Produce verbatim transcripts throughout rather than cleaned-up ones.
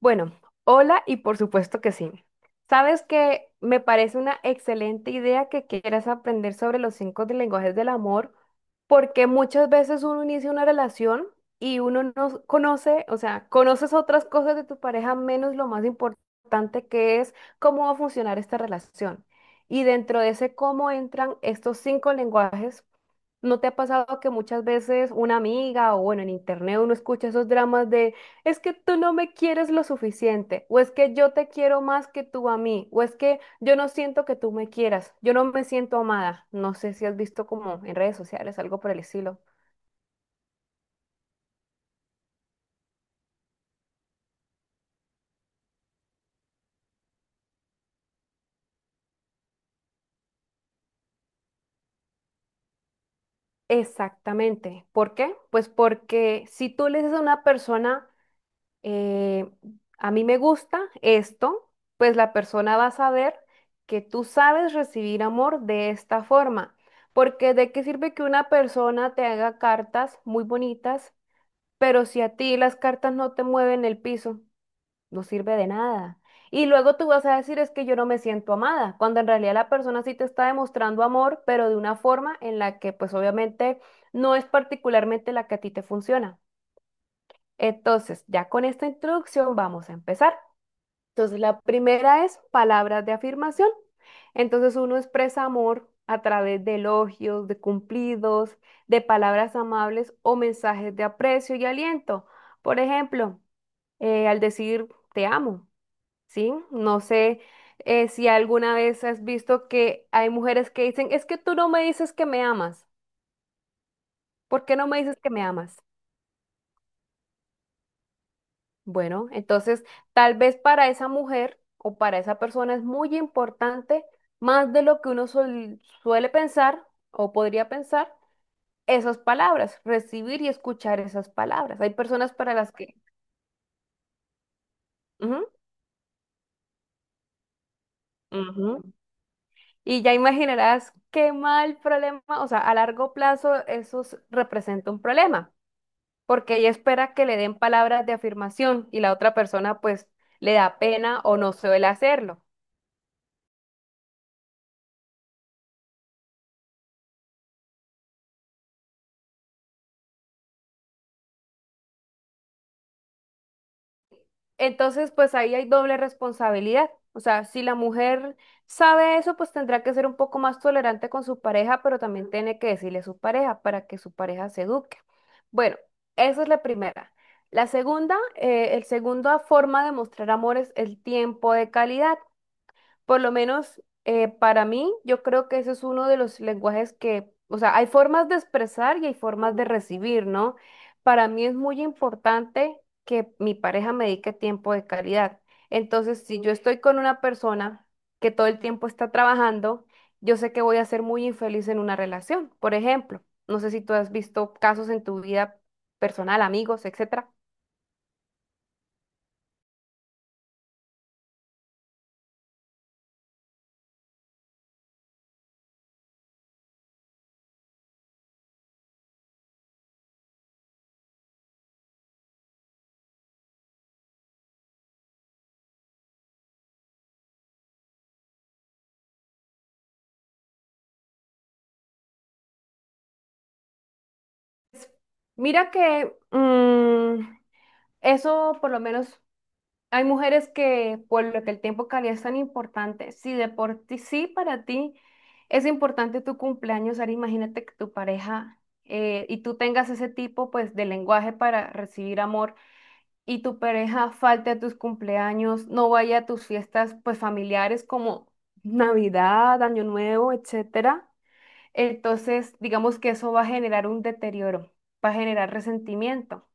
Bueno, hola y por supuesto que sí. Sabes que me parece una excelente idea que quieras aprender sobre los cinco de lenguajes del amor, porque muchas veces uno inicia una relación y uno no conoce, o sea, conoces otras cosas de tu pareja menos lo más importante que es cómo va a funcionar esta relación. Y dentro de ese cómo entran estos cinco lenguajes. ¿No te ha pasado que muchas veces una amiga o bueno, en internet uno escucha esos dramas de es que tú no me quieres lo suficiente o es que yo te quiero más que tú a mí o es que yo no siento que tú me quieras, yo no me siento amada? No sé si has visto como en redes sociales algo por el estilo. Exactamente. ¿Por qué? Pues porque si tú le dices a una persona eh, a mí me gusta esto, pues la persona va a saber que tú sabes recibir amor de esta forma. Porque de qué sirve que una persona te haga cartas muy bonitas, pero si a ti las cartas no te mueven el piso, no sirve de nada. Y luego tú vas a decir es que yo no me siento amada, cuando en realidad la persona sí te está demostrando amor, pero de una forma en la que pues obviamente no es particularmente la que a ti te funciona. Entonces, ya con esta introducción vamos a empezar. Entonces, la primera es palabras de afirmación. Entonces, uno expresa amor a través de elogios, de cumplidos, de palabras amables o mensajes de aprecio y aliento. Por ejemplo, eh, al decir te amo, ¿sí? No sé, eh, si alguna vez has visto que hay mujeres que dicen, es que tú no me dices que me amas. ¿Por qué no me dices que me amas? Bueno, entonces tal vez para esa mujer o para esa persona es muy importante, más de lo que uno suel- suele pensar o podría pensar, esas palabras, recibir y escuchar esas palabras. Hay personas para las que... Ujú, ujú. Y ya imaginarás qué mal problema, o sea, a largo plazo eso s- representa un problema, porque ella espera que le den palabras de afirmación y la otra persona pues le da pena o no suele hacerlo. Entonces, pues ahí hay doble responsabilidad. O sea, si la mujer sabe eso, pues tendrá que ser un poco más tolerante con su pareja, pero también tiene que decirle a su pareja para que su pareja se eduque. Bueno, esa es la primera. La segunda, eh, el segundo forma de mostrar amor es el tiempo de calidad. Por lo menos eh, para mí, yo creo que ese es uno de los lenguajes que, o sea, hay formas de expresar y hay formas de recibir, ¿no? Para mí es muy importante que mi pareja me dedique tiempo de calidad. Entonces, si yo estoy con una persona que todo el tiempo está trabajando, yo sé que voy a ser muy infeliz en una relación. Por ejemplo, no sé si tú has visto casos en tu vida personal, amigos, etcétera. Mira que mm, eso por lo menos. Hay mujeres que, por lo que el tiempo de calidad es tan importante, si de por ti, sí para ti es importante tu cumpleaños, ahora imagínate que tu pareja, eh, y tú tengas ese tipo pues de lenguaje para recibir amor y tu pareja falte a tus cumpleaños, no vaya a tus fiestas pues familiares como Navidad, Año Nuevo, etcétera. Entonces, digamos que eso va a generar un deterioro, va a generar resentimiento.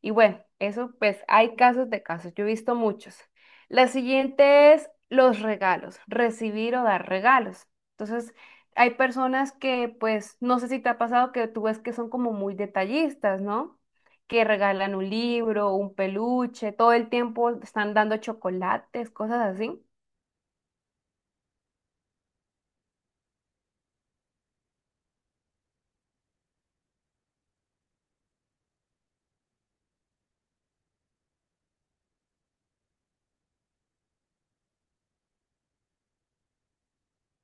Y bueno, eso pues hay casos de casos, yo he visto muchos. La siguiente es los regalos, recibir o dar regalos. Entonces, hay personas que pues no sé si te ha pasado que tú ves que son como muy detallistas, ¿no? Que regalan un libro, un peluche, todo el tiempo están dando chocolates, cosas así.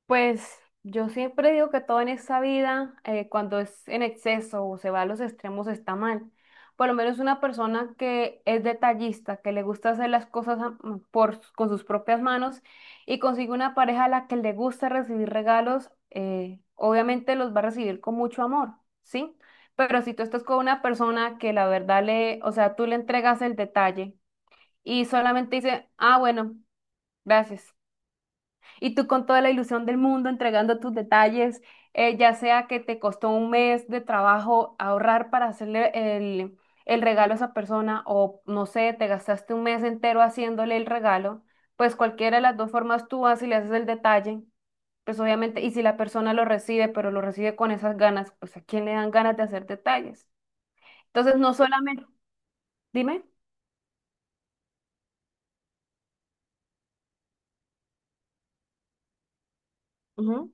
Pues yo siempre digo que todo en esta vida, eh, cuando es en exceso o se va a los extremos, está mal. Por lo menos una persona que es detallista, que le gusta hacer las cosas a- mm, por, con sus propias manos y consigue una pareja a la que le gusta recibir regalos, eh, obviamente los va a recibir con mucho amor, ¿sí? Pero si tú estás con una persona que la verdad le, o sea, tú le entregas el detalle y solamente dice, ah, bueno, gracias. Y tú con toda la ilusión del mundo entregando tus detalles, eh, ya sea que te costó un mes de trabajo ahorrar para hacerle el, el regalo a esa persona o no sé, te gastaste un mes entero haciéndole el regalo, pues cualquiera de las dos formas tú vas y le haces el detalle, pues obviamente, y si la persona lo recibe, pero lo recibe con esas ganas, pues ¿a quién le dan ganas de hacer detalles? Entonces, no solamente, dime. Ujú.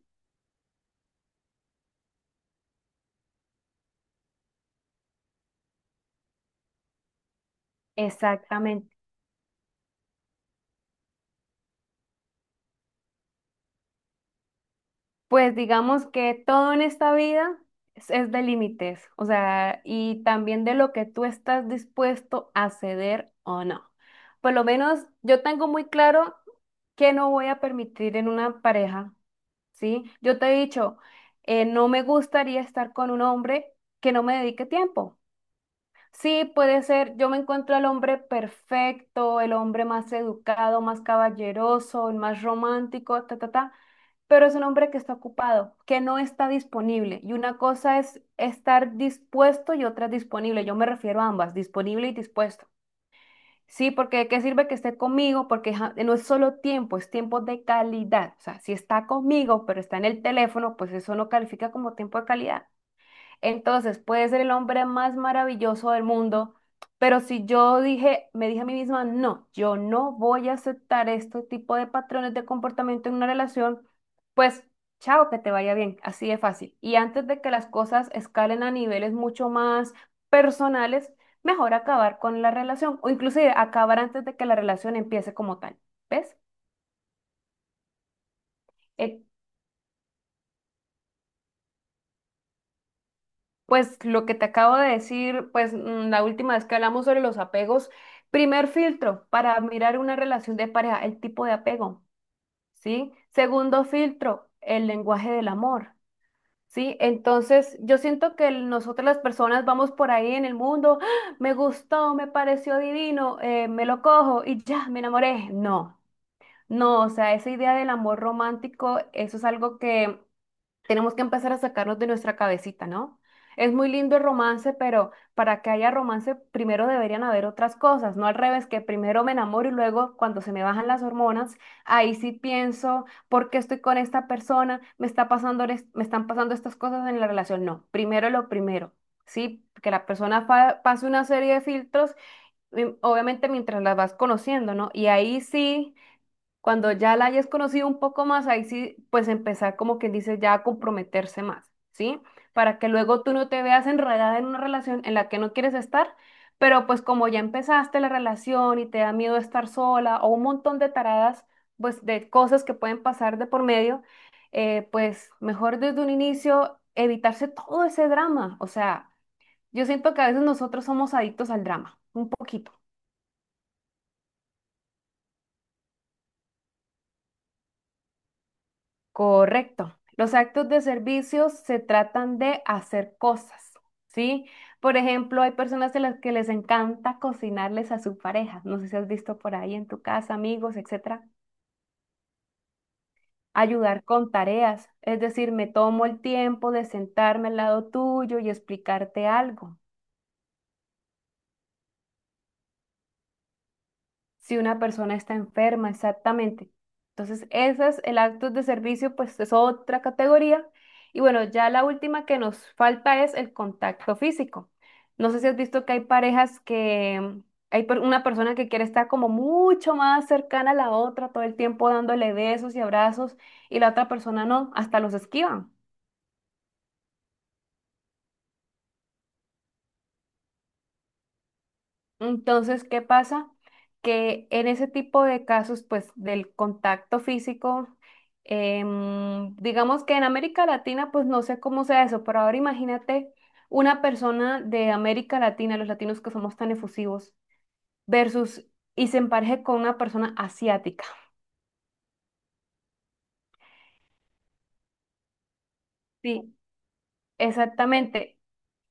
Exactamente. Pues digamos que todo en esta vida es, es de límites, o sea, y también de lo que tú estás dispuesto a ceder o no. Por lo menos yo tengo muy claro que no voy a permitir en una pareja, ¿sí? Yo te he dicho, eh, no me gustaría estar con un hombre que no me dedique tiempo. Sí, puede ser, yo me encuentro al hombre perfecto, el hombre más educado, más caballeroso, el más romántico, ta, ta, ta, pero es un hombre que está ocupado, que no está disponible. Y una cosa es estar dispuesto y otra es disponible. Yo me refiero a ambas, disponible y dispuesto. Sí, porque ¿de qué sirve que esté conmigo? Porque ja- no es solo tiempo, es tiempo de calidad. O sea, si está conmigo, pero está en el teléfono, pues eso no califica como tiempo de calidad. Entonces, puede ser el hombre más maravilloso del mundo, pero si yo dije, me dije a mí misma, no, yo no voy a aceptar este tipo de patrones de comportamiento en una relación, pues chao, que te vaya bien, así de fácil. Y antes de que las cosas escalen a niveles mucho más personales, mejor acabar con la relación o inclusive acabar antes de que la relación empiece como tal. ¿Ves? Eh, Pues lo que te acabo de decir, pues mm, la última vez que hablamos sobre los apegos, primer filtro para mirar una relación de pareja, el tipo de apego, ¿sí? Segundo filtro, el lenguaje del amor, ¿sí? Entonces, yo siento que el- nosotras las personas vamos por ahí en el mundo, "Ah, me gustó, me pareció divino, eh, me lo cojo y ya, me enamoré". No, no, o sea, esa idea del amor romántico, eso es algo que tenemos que empezar a sacarnos de nuestra cabecita, ¿no? Es muy lindo el romance, pero para que haya romance primero deberían haber otras cosas, no al revés, que primero me enamoro y luego cuando se me bajan las hormonas, ahí sí pienso, ¿por qué estoy con esta persona? ¿Me está pasando, es- me están pasando estas cosas en la relación? No, primero lo primero, ¿sí? Que la persona fa- pase una serie de filtros, mm, obviamente mientras las vas conociendo, ¿no? Y ahí sí cuando ya la hayas conocido un poco más, ahí sí, pues empezar como quien dice ya a comprometerse más, ¿sí? Para que luego tú no te veas enredada en una relación en la que no quieres estar, pero pues como ya empezaste la relación y te da miedo estar sola o un montón de taradas, pues de cosas que pueden pasar de por medio, eh, pues mejor desde un inicio evitarse todo ese drama. O sea, yo siento que a veces nosotros somos adictos al drama, un poquito. Correcto. Los actos de servicio se tratan de hacer cosas, ¿sí? Por ejemplo, hay personas a las que les encanta cocinarles a su pareja. No sé si has visto por ahí en tu casa, amigos, etcétera. Ayudar con tareas. Es decir, me tomo el tiempo de sentarme al lado tuyo y explicarte algo. Si una persona está enferma, exactamente. Entonces, esas, el acto de servicio, pues es otra categoría. Y bueno, ya la última que nos falta es el contacto físico. No sé si has visto que hay parejas que mm, hay per- una persona que quiere estar como mucho más cercana a la otra todo el tiempo dándole besos y abrazos y la otra persona no, hasta los esquivan. Entonces, ¿qué pasa? Que en ese tipo de casos, pues del contacto físico, em, digamos que en América Latina, pues no sé cómo sea eso, pero ahora imagínate una persona de América Latina, los latinos que somos tan efusivos, versus y se empareje con una persona asiática. Sí, exactamente,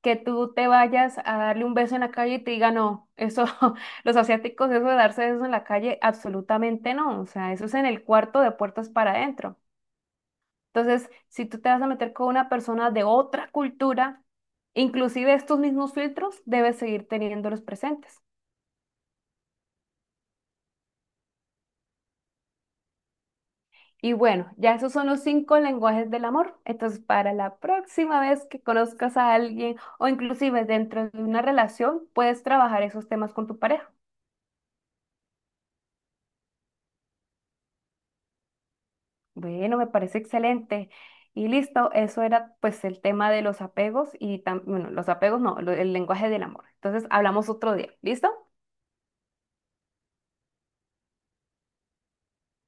que tú te vayas a darle un beso en la calle y te diga, no, eso, los asiáticos, eso de darse besos en la calle, absolutamente no, o sea, eso es en el cuarto de puertas para adentro. Entonces, si tú te vas a meter con una persona de otra cultura, inclusive estos mismos filtros, debes seguir teniéndolos presentes. Y bueno, ya esos son los cinco lenguajes del amor. Entonces, para la próxima vez que conozcas a alguien o inclusive dentro de una relación, puedes trabajar esos temas con tu pareja. Bueno, me parece excelente. Y listo, eso era pues el tema de los apegos y tam- bueno, los apegos no, lo- el lenguaje del amor. Entonces hablamos otro día. ¿Listo?